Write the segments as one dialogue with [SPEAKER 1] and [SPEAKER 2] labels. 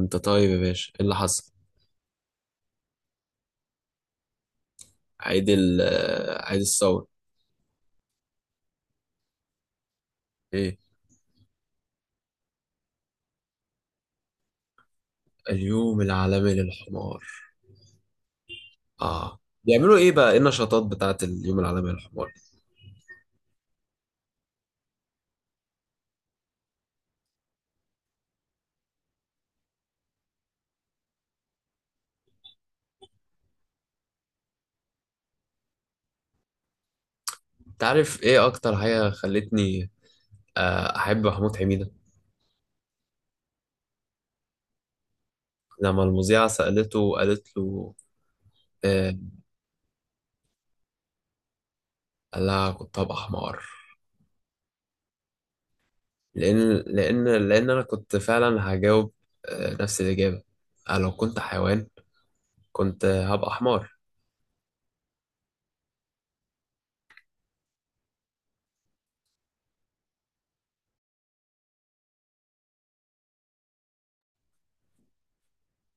[SPEAKER 1] انت طيب يا باشا، ايه اللي حصل؟ عيد ال آه، عيد الثورة. ايه اليوم العالمي للحمار؟ اه، بيعملوا ايه بقى؟ ايه النشاطات بتاعت اليوم العالمي للحمار؟ انت عارف ايه اكتر حاجة خلتني احب محمود حميدة؟ لما المذيعة سألته وقالت له. آه. قال لها كنت هبقى حمار. لان لان انا كنت فعلا هجاوب آه نفس الإجابة. آه، لو كنت حيوان كنت هبقى حمار.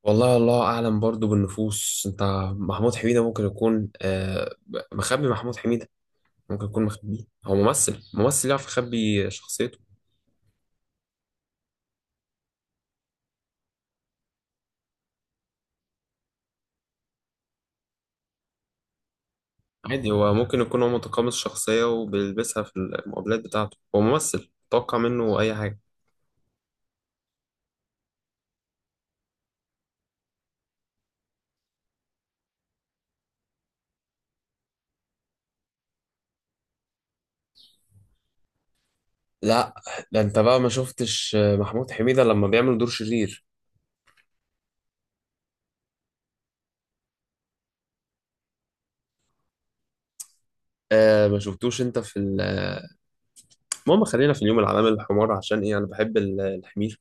[SPEAKER 1] والله الله اعلم برضو بالنفوس. انت محمود حميدة ممكن يكون مخبي. محمود حميدة ممكن يكون مخبيه، هو ممثل، يعرف يخبي شخصيته. عادي، هو ممكن يكون هو متقمص الشخصية وبيلبسها في المقابلات بتاعته، هو ممثل، توقع منه اي حاجة. لا ده انت بقى ما شفتش محمود حميدة لما بيعمل دور شرير؟ آه ما شفتوش انت في المهم، خلينا في اليوم العالمي للحمار. عشان ايه انا بحب الحمير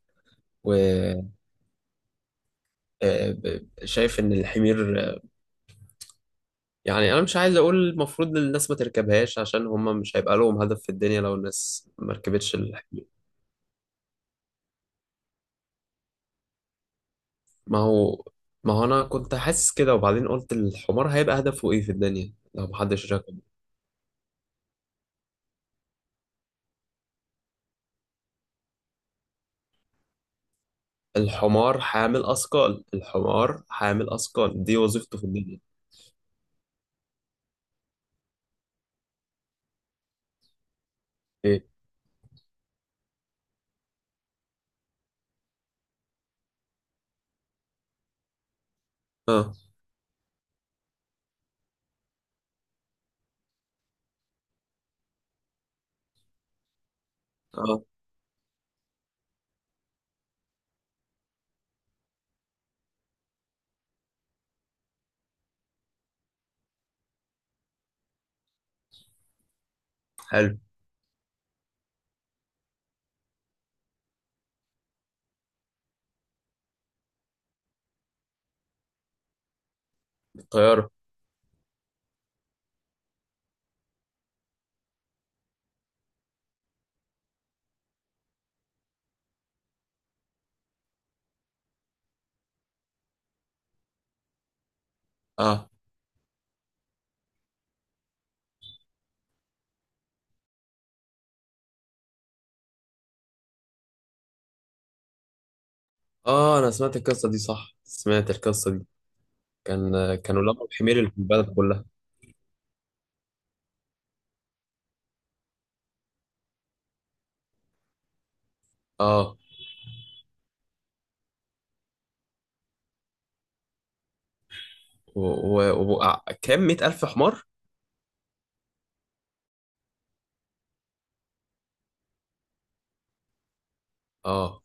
[SPEAKER 1] وشايف ان الحمير، يعني انا مش عايز اقول المفروض للناس ما تركبهاش، عشان هم مش هيبقى لهم هدف في الدنيا لو الناس ما ركبتش الحمار. ما هو ما هو انا كنت حاسس كده، وبعدين قلت الحمار هيبقى هدفه ايه في الدنيا لو محدش ركب؟ الحمار حامل اثقال، الحمار حامل اثقال، دي وظيفته في الدنيا. ايه؟ اه. اه. حلو. الطيارة. اه. اه، انا سمعت القصة دي، صح سمعت القصة دي، كانوا لقوا الحمير اللي في البلد كلها. اه، وكام كام مئة ألف حمار؟ اه.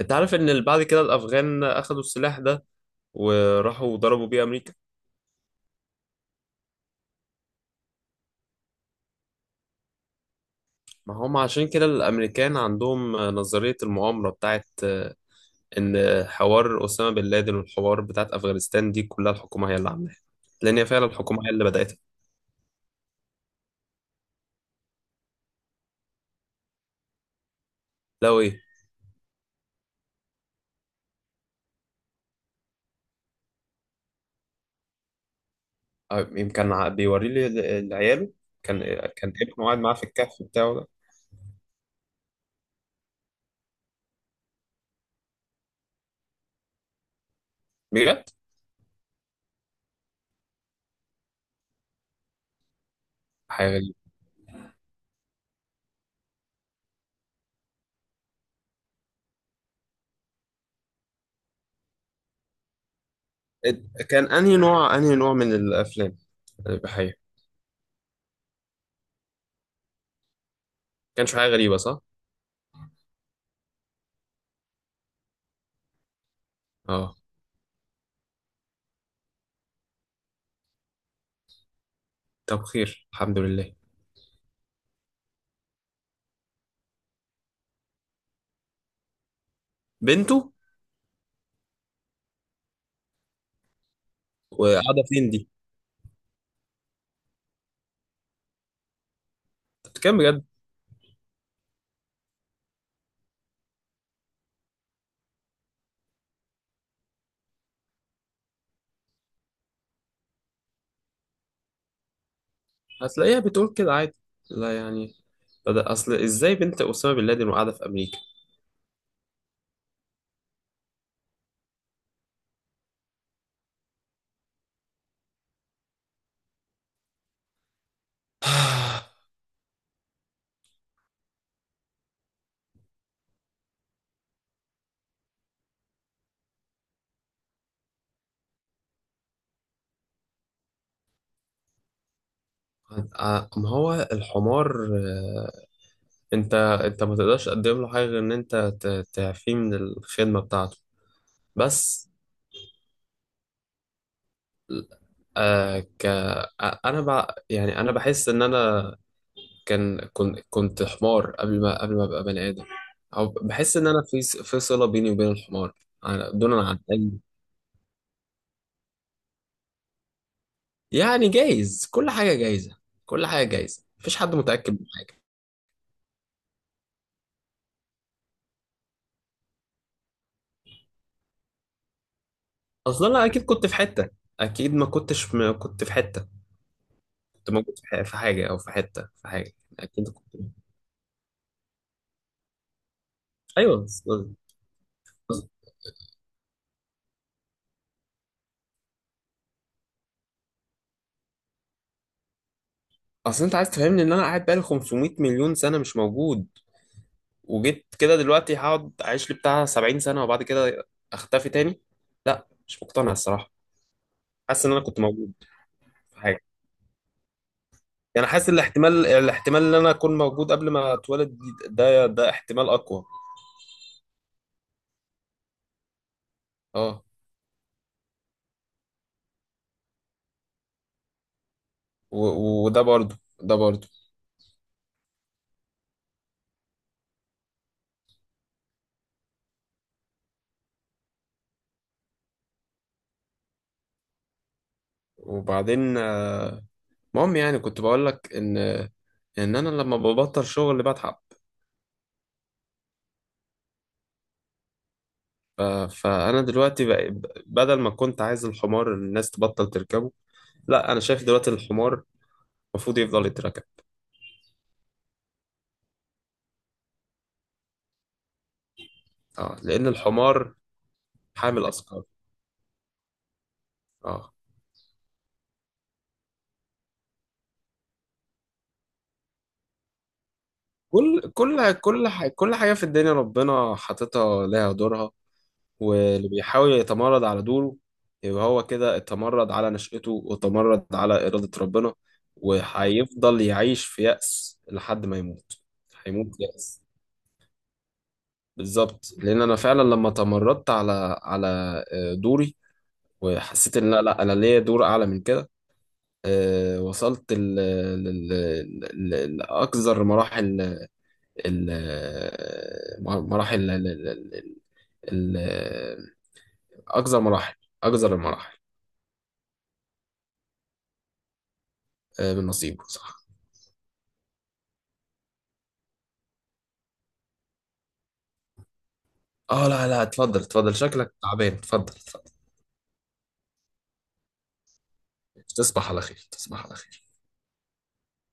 [SPEAKER 1] انت عارف ان بعد كده الافغان اخدوا السلاح ده وراحوا ضربوا بيه امريكا؟ ما هم عشان كده الامريكان عندهم نظرية المؤامرة بتاعت ان حوار اسامة بن لادن والحوار بتاعت افغانستان دي كلها الحكومة هي اللي عاملاها، لان هي فعلا الحكومة هي اللي بدأتها. لو ايه؟ اه، يمكن بيوري لي عياله. كان كان ابنه قاعد معاه في الكهف بتاعه ده. بجد؟ حاجة غريبة. كان انهي نوع، انهي نوع من الافلام الاباحية؟ ما كانش حاجة غريبة، صح؟ اه. طب خير، الحمد لله. بنته؟ وقاعدة فين دي؟ أنت بتتكلم بجد؟ هتلاقيها بتقول كده عادي. لا يعني، بدأ أصل إزاي بنت أسامة بن لادن وقاعدة في أمريكا؟ ما هو الحمار آه، انت ما تقدرش تقدم له حاجه غير ان انت تعفيه من الخدمه بتاعته بس. آه ك آه، انا يعني انا بحس ان انا كنت حمار قبل ما ابقى بني ادم، او بحس ان انا في في صله بيني وبين الحمار على- دون عن أي. يعني جايز، كل حاجة جايزة، كل حاجة جايزة، مفيش حد متأكد من حاجة. أصلا أنا أكيد كنت في حتة، أكيد ما كنتش، ما كنت في حتة. كنت موجود في في حاجة، أو في حتة، في حاجة. أكيد كنت. أيوه أصل. أصل- أنت عايز تفهمني إن أنا قاعد بقالي 500 مليون سنة مش موجود، وجيت كده دلوقتي هقعد أعيش لي بتاع 70 سنة وبعد كده أختفي تاني؟ لا مش مقتنع الصراحة. حاسس إن أنا كنت موجود في حاجة. يعني حاسس الاحتمال، إن أنا أكون موجود قبل ما أتولد، ده احتمال أقوى. اه. وده برضو، ده برضو. وبعدين المهم، يعني كنت بقول لك ان انا لما ببطل شغل بتعب. ف- فانا دلوقتي بدل ما كنت عايز الحمار الناس تبطل تركبه، لا انا شايف دلوقتي الحمار المفروض يفضل يتركب. اه لان الحمار حامل اسكار. اه، كل كل حاجه في الدنيا ربنا حاططها لها دورها، واللي بيحاول يتمرد على دوره يبقى هو كده اتمرد على نشأته وتمرد على إرادة ربنا، وهيفضل يعيش في يأس لحد ما يموت. هيموت يأس. بالظبط، لأن أنا فعلا لما تمردت على آه، دوري، وحسيت إن لا لا أنا ليا دور أعلى من كده، آه، وصلت لأقذر مراحل، مراحل ال- آه، أقذر مراحل، أقذر المراحل. آه، من نصيبه، صح. اه لا لا، اتفضل اتفضل، شكلك تعبان، اتفضل اتفضل. تصبح على خير، تصبح على خير.